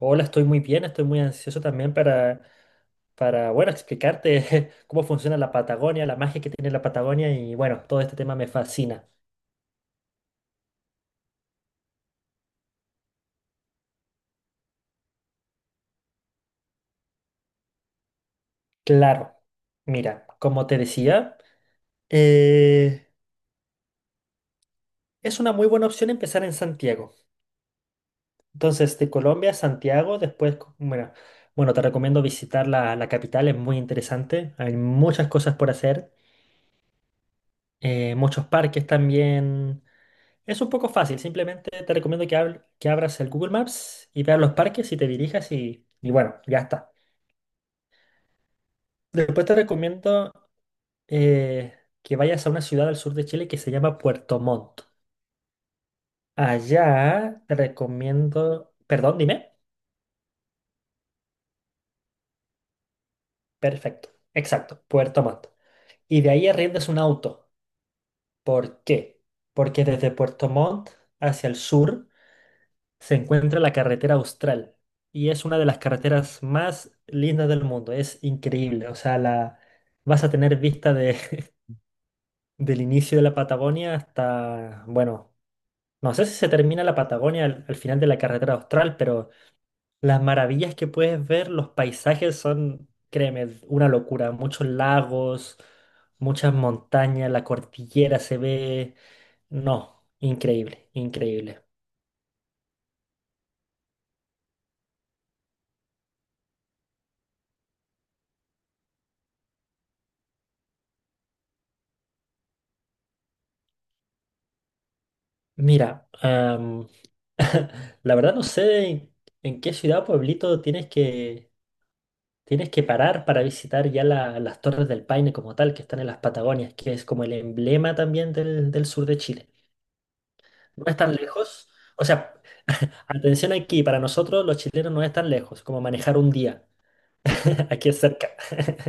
Hola, estoy muy bien, estoy muy ansioso también para explicarte cómo funciona la Patagonia, la magia que tiene la Patagonia y bueno, todo este tema me fascina. Claro, mira, como te decía, eh, es una muy buena opción empezar en Santiago. Entonces, de Colombia a Santiago, después, bueno, te recomiendo visitar la capital, es muy interesante, hay muchas cosas por hacer, muchos parques también. Es un poco fácil, simplemente te recomiendo que, que abras el Google Maps y veas los parques y te dirijas y bueno, ya está. Después te recomiendo eh, que vayas a una ciudad al sur de Chile que se llama Puerto Montt. Allá te recomiendo, perdón, dime. Perfecto, exacto, Puerto Montt. Y de ahí arriendas un auto. ¿Por qué? Porque desde Puerto Montt hacia el sur se encuentra la carretera Austral y es una de las carreteras más lindas del mundo. Es increíble, o sea, la, vas a tener vista de, del inicio de la Patagonia hasta, bueno, no sé si se termina la Patagonia al final de la carretera Austral, pero las maravillas que puedes ver, los paisajes son, créeme, una locura. Muchos lagos, muchas montañas, la cordillera se ve, no, increíble, increíble. Mira, la verdad no sé en qué ciudad o pueblito tienes que parar para visitar ya las Torres del Paine como tal, que están en las Patagonias, que es como el emblema también del sur de Chile. No es tan lejos. O sea, atención aquí, para nosotros los chilenos no es tan lejos como manejar un día. Aquí es cerca.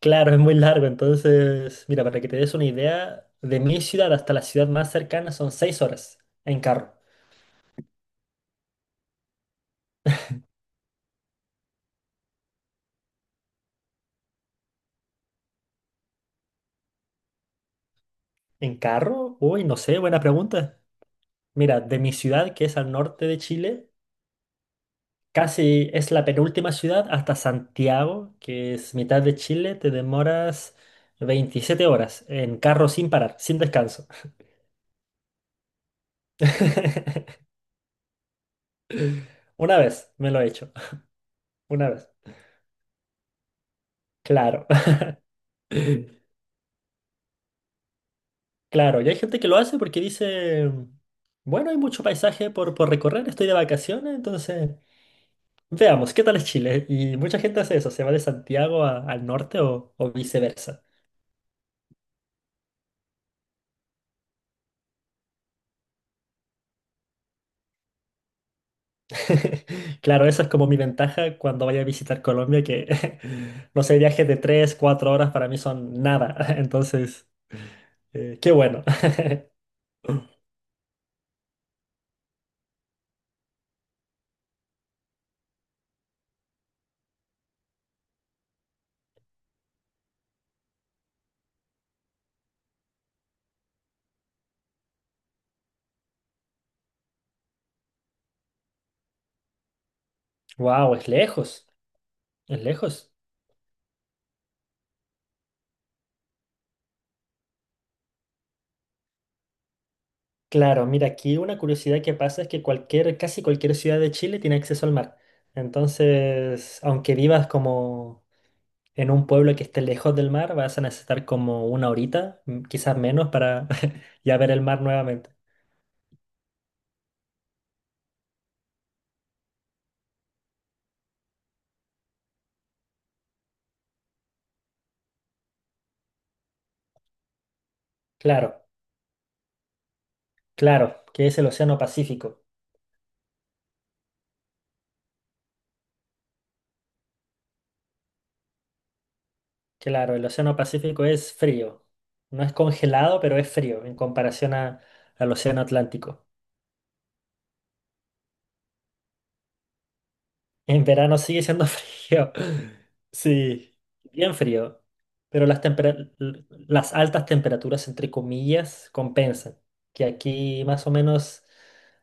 Claro, es muy largo. Entonces, mira, para que te des una idea, de mi ciudad hasta la ciudad más cercana son 6 horas en carro. ¿En carro? Uy, no sé, buena pregunta. Mira, de mi ciudad, que es al norte de Chile, casi es la penúltima ciudad hasta Santiago, que es mitad de Chile, te demoras 27 horas en carro sin parar, sin descanso. Una vez me lo he hecho, una vez. Claro, claro. Y hay gente que lo hace porque dice, bueno, hay mucho paisaje por recorrer, estoy de vacaciones, entonces veamos, ¿qué tal es Chile? Y mucha gente hace eso, se va de Santiago al norte o viceversa. Claro, esa es como mi ventaja cuando vaya a visitar Colombia, que no sé, viajes de 3, 4 horas para mí son nada. Entonces, qué bueno. Wow, es lejos, es lejos. Claro, mira, aquí una curiosidad que pasa es que cualquier, casi cualquier ciudad de Chile tiene acceso al mar. Entonces, aunque vivas como en un pueblo que esté lejos del mar, vas a necesitar como una horita, quizás menos, para ya ver el mar nuevamente. Claro, claro, que es el Océano Pacífico. Claro, el Océano Pacífico es frío. No es congelado, pero es frío en comparación al Océano Atlántico. En verano sigue siendo frío. Sí, bien frío. Pero las altas temperaturas, entre comillas, compensan. Que aquí más o menos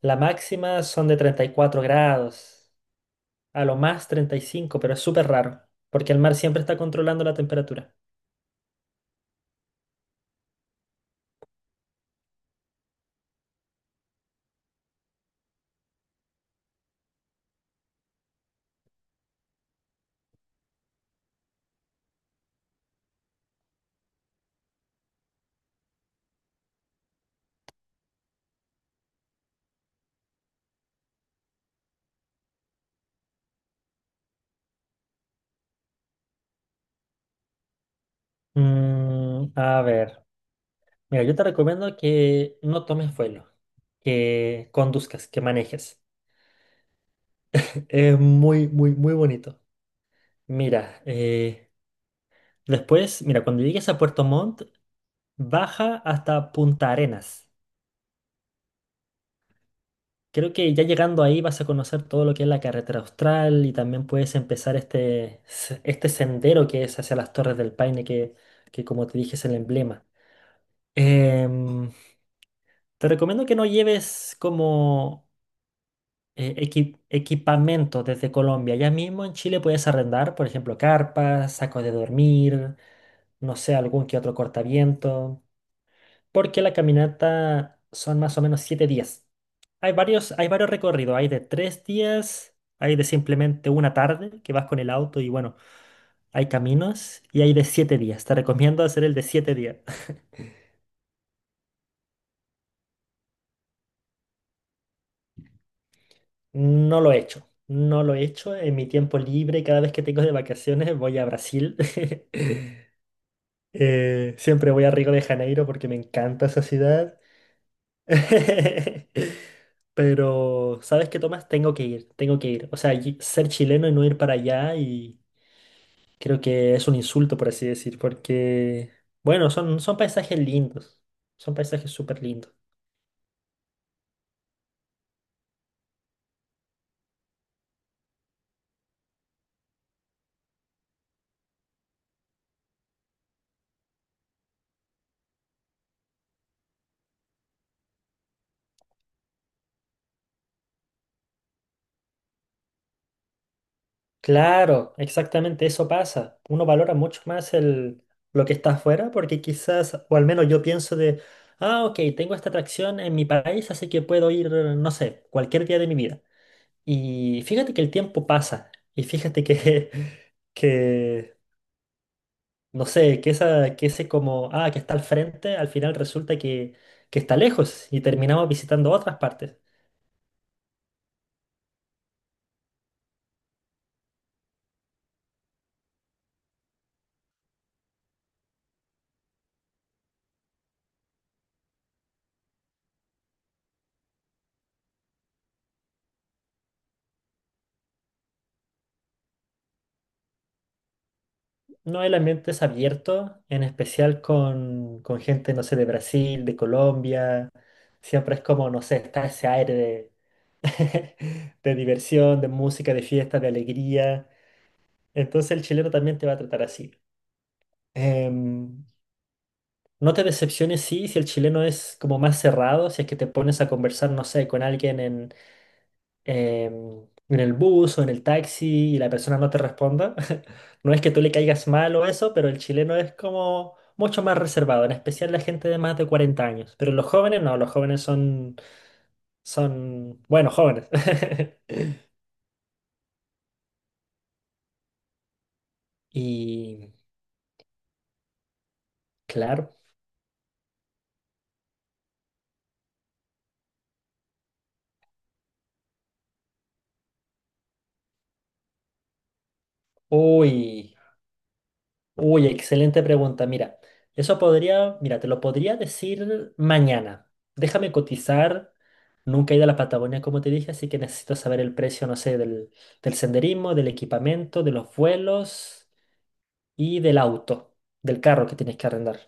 la máxima son de 34 grados, a lo más 35, pero es súper raro, porque el mar siempre está controlando la temperatura. A ver. Mira, yo te recomiendo que no tomes vuelo, que conduzcas, que manejes. Es muy, muy, muy bonito. Mira, después, mira, cuando llegues a Puerto Montt, baja hasta Punta Arenas. Creo que ya llegando ahí vas a conocer todo lo que es la carretera austral y también puedes empezar este sendero que es hacia las Torres del Paine, que como te dije es el emblema. Em, Te recomiendo que no lleves como equipamiento desde Colombia. Ya mismo en Chile puedes arrendar, por ejemplo, carpas, sacos de dormir, no sé, algún que otro cortaviento, porque la caminata son más o menos 7 días. Hay varios recorridos, hay de 3 días, hay de simplemente una tarde que vas con el auto y bueno, hay caminos y hay de 7 días. Te recomiendo hacer el de 7 días. No lo he hecho, no lo he hecho. En mi tiempo libre, cada vez que tengo de vacaciones, voy a Brasil. Siempre voy a Río de Janeiro porque me encanta esa ciudad. Pero, ¿sabes qué, Tomás? Tengo que ir, tengo que ir. O sea, ser chileno y no ir para allá y creo que es un insulto, por así decir, porque, bueno, son paisajes lindos, son paisajes súper lindos. Claro, exactamente eso pasa. Uno valora mucho más el, lo que está afuera porque quizás, o al menos yo pienso de, ah, ok, tengo esta atracción en mi país, así que puedo ir, no sé, cualquier día de mi vida. Y fíjate que el tiempo pasa. Y fíjate que, que no sé, que ese como, ah, que está al frente, al final resulta que está lejos y terminamos visitando otras partes. No, el ambiente es abierto, en especial con gente, no sé, de Brasil, de Colombia. Siempre es como, no sé, está ese aire de, de diversión, de música, de fiesta, de alegría. Entonces el chileno también te va a tratar así. Em, No te decepciones, sí, si el chileno es como más cerrado, si es que te pones a conversar, no sé, con alguien em, en el bus o en el taxi y la persona no te responda. No es que tú le caigas mal o eso, pero el chileno es como mucho más reservado, en especial la gente de más de 40 años. Pero los jóvenes no, los jóvenes son, son, bueno, jóvenes. Y claro, uy. Uy, excelente pregunta. Mira, mira, te lo podría decir mañana. Déjame cotizar. Nunca he ido a la Patagonia, como te dije, así que necesito saber el precio, no sé, del senderismo, del equipamiento, de los vuelos y del auto, del carro que tienes que arrendar.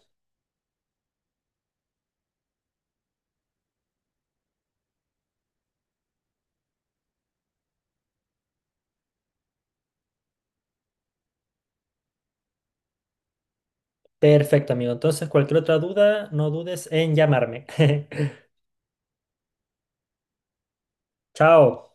Perfecto, amigo. Entonces, cualquier otra duda, no dudes en llamarme. Chao.